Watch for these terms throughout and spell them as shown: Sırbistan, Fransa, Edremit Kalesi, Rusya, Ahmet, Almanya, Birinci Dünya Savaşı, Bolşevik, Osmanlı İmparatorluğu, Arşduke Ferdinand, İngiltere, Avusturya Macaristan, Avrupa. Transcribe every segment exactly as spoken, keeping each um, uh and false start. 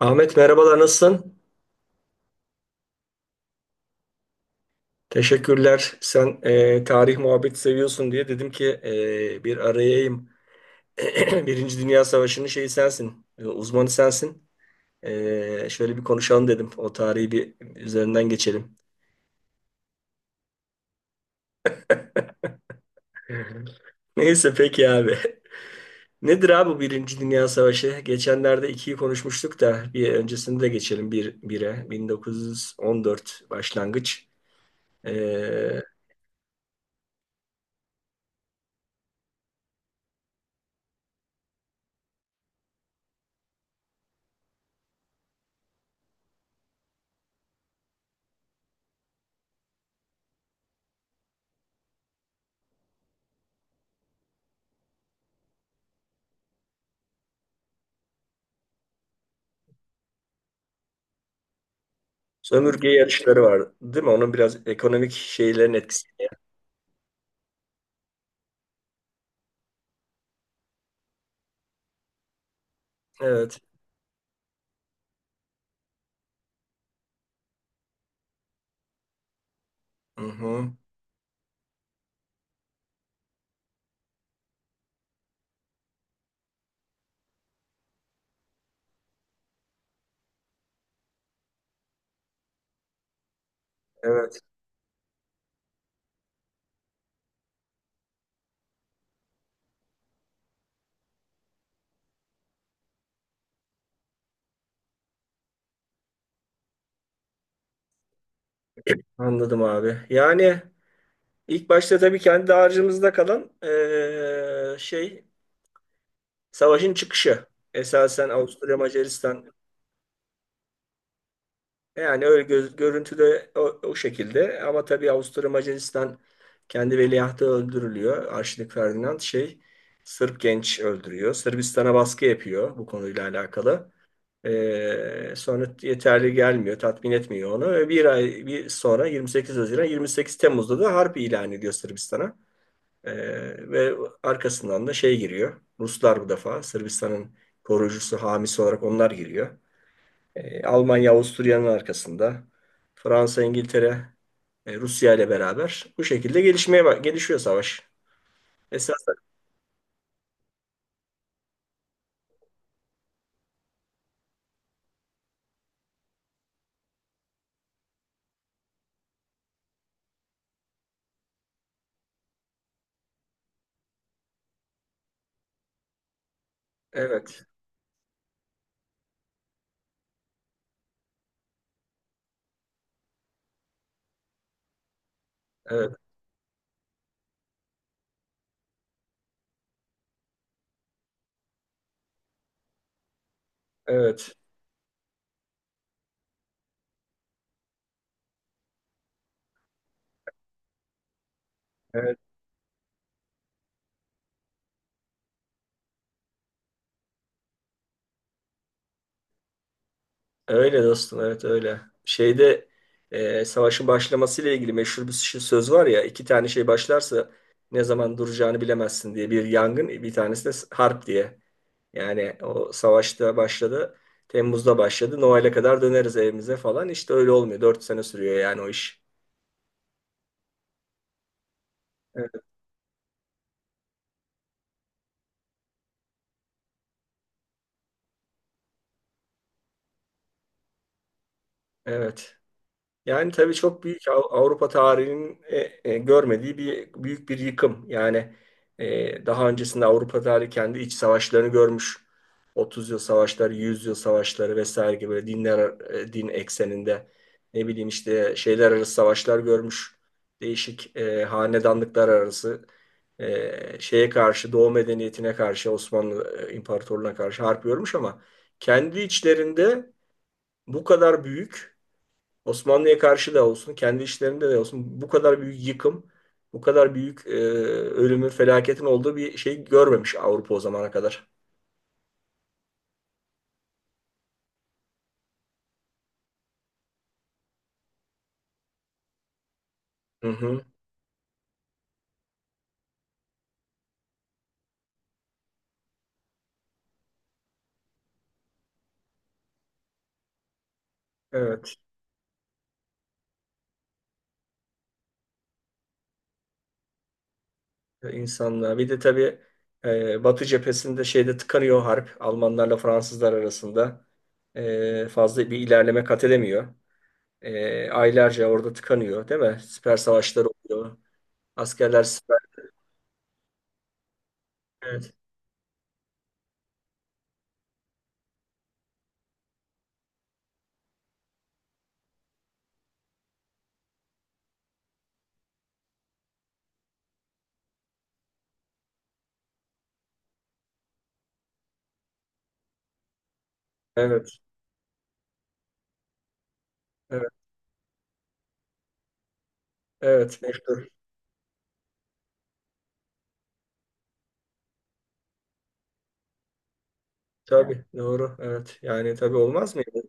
Ahmet, merhabalar, nasılsın? Teşekkürler. Sen e, tarih muhabbeti seviyorsun diye dedim ki, e, bir arayayım. Birinci Dünya Savaşı'nın şeyi sensin, e, uzmanı sensin. E, şöyle bir konuşalım dedim. O tarihi bir üzerinden geçelim. Neyse peki abi. Nedir abi bu Birinci Dünya Savaşı? Geçenlerde ikiyi konuşmuştuk da bir öncesini de geçelim, bir, bire. bin dokuz yüz on dört başlangıç. E, Sömürge yarışları var değil mi? Onun biraz ekonomik şeylerin etkisi. Evet. Hı hı. Evet. Anladım abi. Yani ilk başta tabii kendi harcımızda kalan eee, şey savaşın çıkışı. Esasen Avusturya Macaristan, yani öyle göz, görüntüde o, o şekilde, ama tabii Avusturya Macaristan kendi veliahtı öldürülüyor. Arşduke Ferdinand, şey Sırp genç öldürüyor. Sırbistan'a baskı yapıyor bu konuyla alakalı. Ee, sonra yeterli gelmiyor, tatmin etmiyor onu. Ve bir ay bir sonra, yirmi sekiz Haziran, yirmi sekiz Temmuz'da da harp ilan ediyor Sırbistan'a. Ee, ve arkasından da şey giriyor. Ruslar bu defa Sırbistan'ın koruyucusu, hamisi olarak onlar giriyor. Ee, Almanya, Avusturya'nın arkasında. Fransa, İngiltere, e, Rusya ile beraber bu şekilde gelişmeye ba- gelişiyor savaş. Esas evet, evet, evet. Evet. Öyle dostum, evet, öyle. Şeyde e, savaşın başlamasıyla ilgili meşhur bir şi- söz var ya, iki tane şey başlarsa ne zaman duracağını bilemezsin diye: bir yangın, bir tanesi de harp diye. Yani o savaşta başladı, Temmuz'da başladı, Noel'e kadar döneriz evimize falan, işte öyle olmuyor. Dört sene sürüyor yani o iş. Evet. Evet. Yani tabii çok büyük, Av- Avrupa tarihinin e, e, görmediği bir büyük bir yıkım. Yani e, daha öncesinde Avrupa tarihi kendi iç savaşlarını görmüş. otuz yıl savaşları, yüz yıl savaşları vesaire gibi, böyle dinler, e, din ekseninde, ne bileyim işte, şeyler arası savaşlar görmüş. Değişik e, hanedanlıklar arası, e, şeye karşı Doğu medeniyetine karşı, Osmanlı e, İmparatorluğu'na karşı harp görmüş, ama kendi içlerinde bu kadar büyük, Osmanlı'ya karşı da olsun, kendi işlerinde de olsun, bu kadar büyük yıkım, bu kadar büyük e, ölümün, felaketin olduğu bir şey görmemiş Avrupa o zamana kadar. Hı hı. Evet, insanlığa. Bir de tabii e, Batı cephesinde şeyde tıkanıyor harp. Almanlarla Fransızlar arasında E, fazla bir ilerleme kat edemiyor. E, aylarca orada tıkanıyor, değil mi? Siper savaşları oluyor. Askerler siper. Evet, evet, evet, evet. Meşhur. Tabii, doğru. Evet. Yani tabii olmaz mıydı?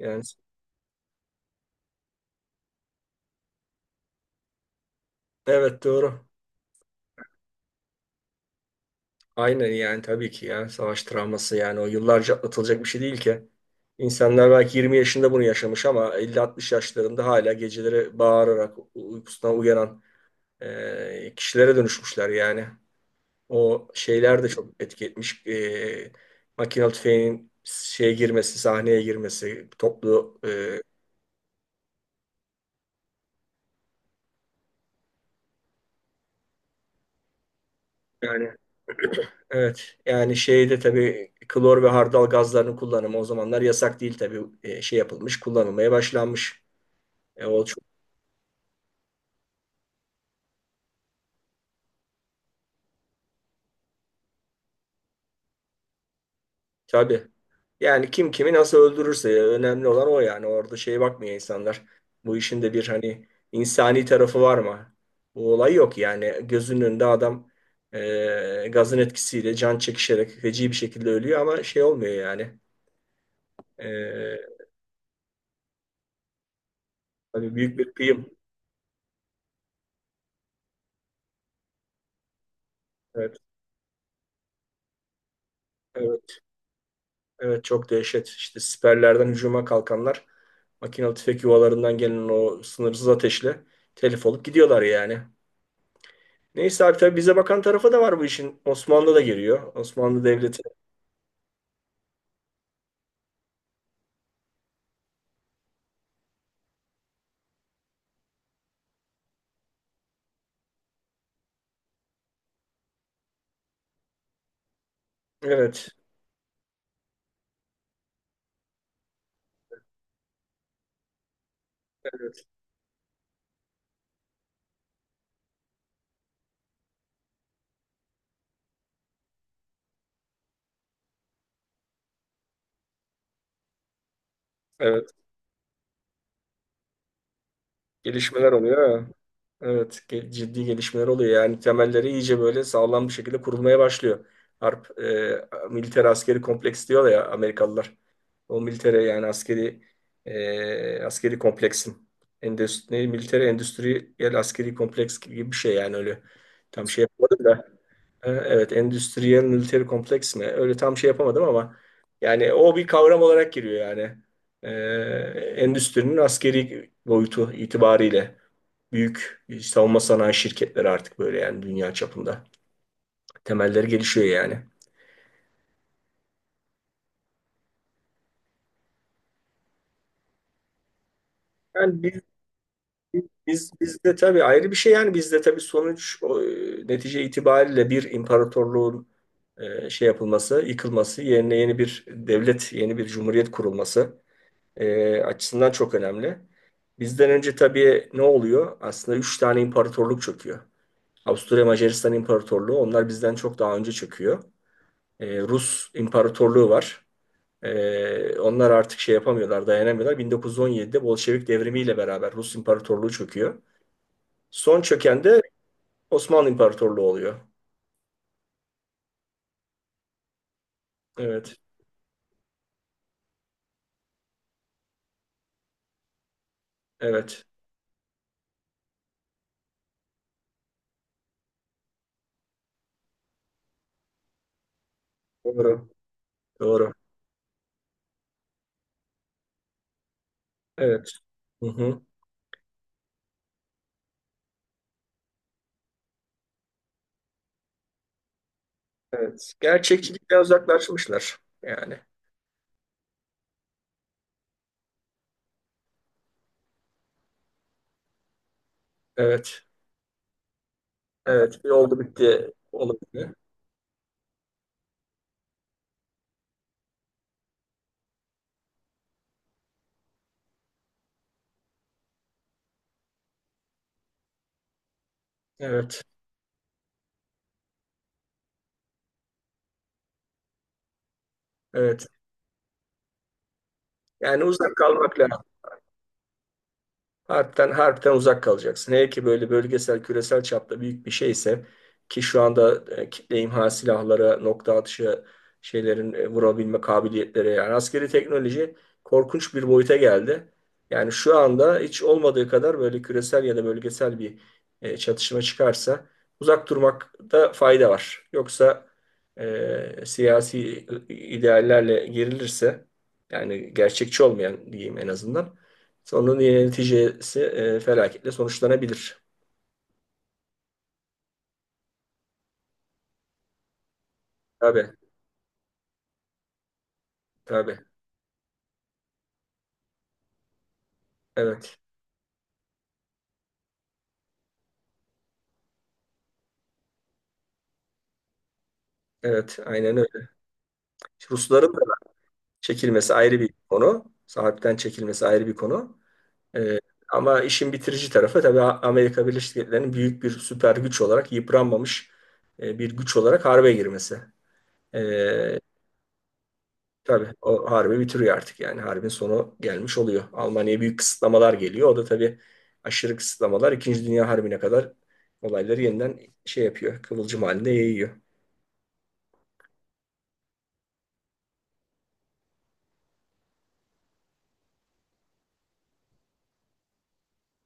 Yani. Evet, doğru. Aynen, yani tabii ki ya. Savaş travması yani, o yıllarca atlatılacak bir şey değil ki. İnsanlar belki yirmi yaşında bunu yaşamış ama elli altmış yaşlarında hala geceleri bağırarak u- uykusundan uyanan e, kişilere dönüşmüşler yani. O şeyler de çok etki etmiş. E, makinalı tüfeğin şeye girmesi, sahneye girmesi, toplu e, yani, evet yani şeyde tabii klor ve hardal gazlarının kullanımı o zamanlar yasak değil tabii. E, şey yapılmış, kullanılmaya başlanmış. E, o çok tabii. Yani kim kimi nasıl öldürürse, önemli olan o yani. Orada şeye bakmıyor insanlar. Bu işin de bir hani insani tarafı var mı? Bu olay yok yani. Gözünün önünde adam, e, gazın etkisiyle can çekişerek feci bir şekilde ölüyor ama şey olmuyor yani. E, Hani büyük bir kıyım. Evet, evet, evet, çok dehşet. İşte siperlerden hücuma kalkanlar makinalı tüfek yuvalarından gelen o sınırsız ateşle telef olup gidiyorlar yani. Neyse abi, tabii bize bakan tarafa da var bu işin. Osmanlı da giriyor. Osmanlı Devleti. Evet. Evet. Evet. Gelişmeler oluyor, ha. Evet. ge- Ciddi gelişmeler oluyor. Yani temelleri iyice böyle sağlam bir şekilde kurulmaya başlıyor. Harp, e, militer askeri kompleks diyorlar ya Amerikalılar. O militere, yani askeri, e, askeri kompleksin. Endüstri, militer endüstriyel askeri kompleks gibi bir şey yani, öyle. Tam şey yapmadım da. E, Evet, Endüstriyel Military Kompleks mi? Öyle tam şey yapamadım ama yani o bir kavram olarak giriyor yani. E, Endüstrinin askeri boyutu itibariyle büyük savunma sanayi şirketleri artık böyle yani, dünya çapında. Temelleri gelişiyor yani. Yani biz, biz, bizde tabii ayrı bir şey yani, bizde tabii sonuç o, e, netice itibariyle bir imparatorluğun e, şey yapılması, yıkılması, yerine yeni bir devlet, yeni bir cumhuriyet kurulması e, açısından çok önemli. Bizden önce tabii ne oluyor? Aslında üç tane imparatorluk çöküyor. Avusturya Macaristan İmparatorluğu, onlar bizden çok daha önce çöküyor. E, Rus İmparatorluğu var. E, onlar artık şey yapamıyorlar, dayanamıyorlar. on dokuz on yedide Bolşevik devrimiyle beraber Rus İmparatorluğu çöküyor. Son çöken de Osmanlı İmparatorluğu oluyor. Evet, evet. Doğru, doğru. Evet. Hı hı. Evet. Gerçekçilikten uzaklaşmışlar yani. Evet. Evet, bir oldu bitti olabilir. Evet, evet. Yani uzak kalmak lazım. Harpten, harpten uzak kalacaksın. Hele ki böyle bölgesel, küresel çapta büyük bir şeyse, ki şu anda e, kitle imha silahlara, nokta atışı şeylerin e, vurabilme kabiliyetleri, yani askeri teknoloji korkunç bir boyuta geldi. Yani şu anda hiç olmadığı kadar böyle küresel ya da bölgesel bir e, çatışma çıkarsa uzak durmakta fayda var. Yoksa e, siyasi e, ideallerle gerilirse, yani gerçekçi olmayan diyeyim en azından, sonun neticesi e, felaketle sonuçlanabilir. Tabii, tabii. Evet, evet. Aynen öyle. Rusların da çekilmesi ayrı bir konu. Sahipten çekilmesi ayrı bir konu. E, ama işin bitirici tarafı tabii Amerika Birleşik Devletleri'nin büyük bir süper güç olarak yıpranmamış e, bir güç olarak harbe girmesi. E, Tabii o harbi bitiriyor artık yani. Harbin sonu gelmiş oluyor. Almanya'ya büyük kısıtlamalar geliyor. O da tabii aşırı kısıtlamalar İkinci Dünya Harbi'ne kadar olayları yeniden şey yapıyor. Kıvılcım halinde yayıyor.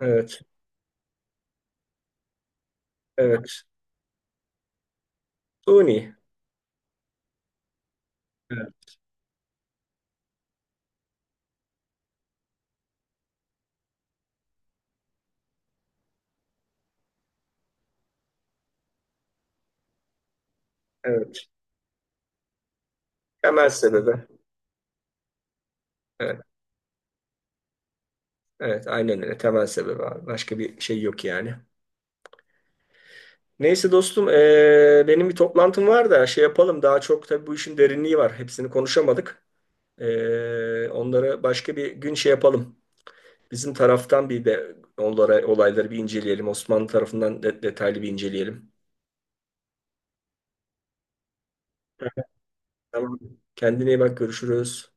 Evet, evet. Suni. Evet, evet. Temel sebebi. Evet, evet. Aynen öyle. Temel sebebi abi. Başka bir şey yok yani. Neyse dostum, eee, benim bir toplantım var da şey yapalım. Daha çok tabii bu işin derinliği var. Hepsini konuşamadık. Eee, onları başka bir gün şey yapalım. Bizim taraftan bir de onlara olayları bir inceleyelim. Osmanlı tarafından de- detaylı bir inceleyelim. Tamam. Kendine iyi bak, görüşürüz.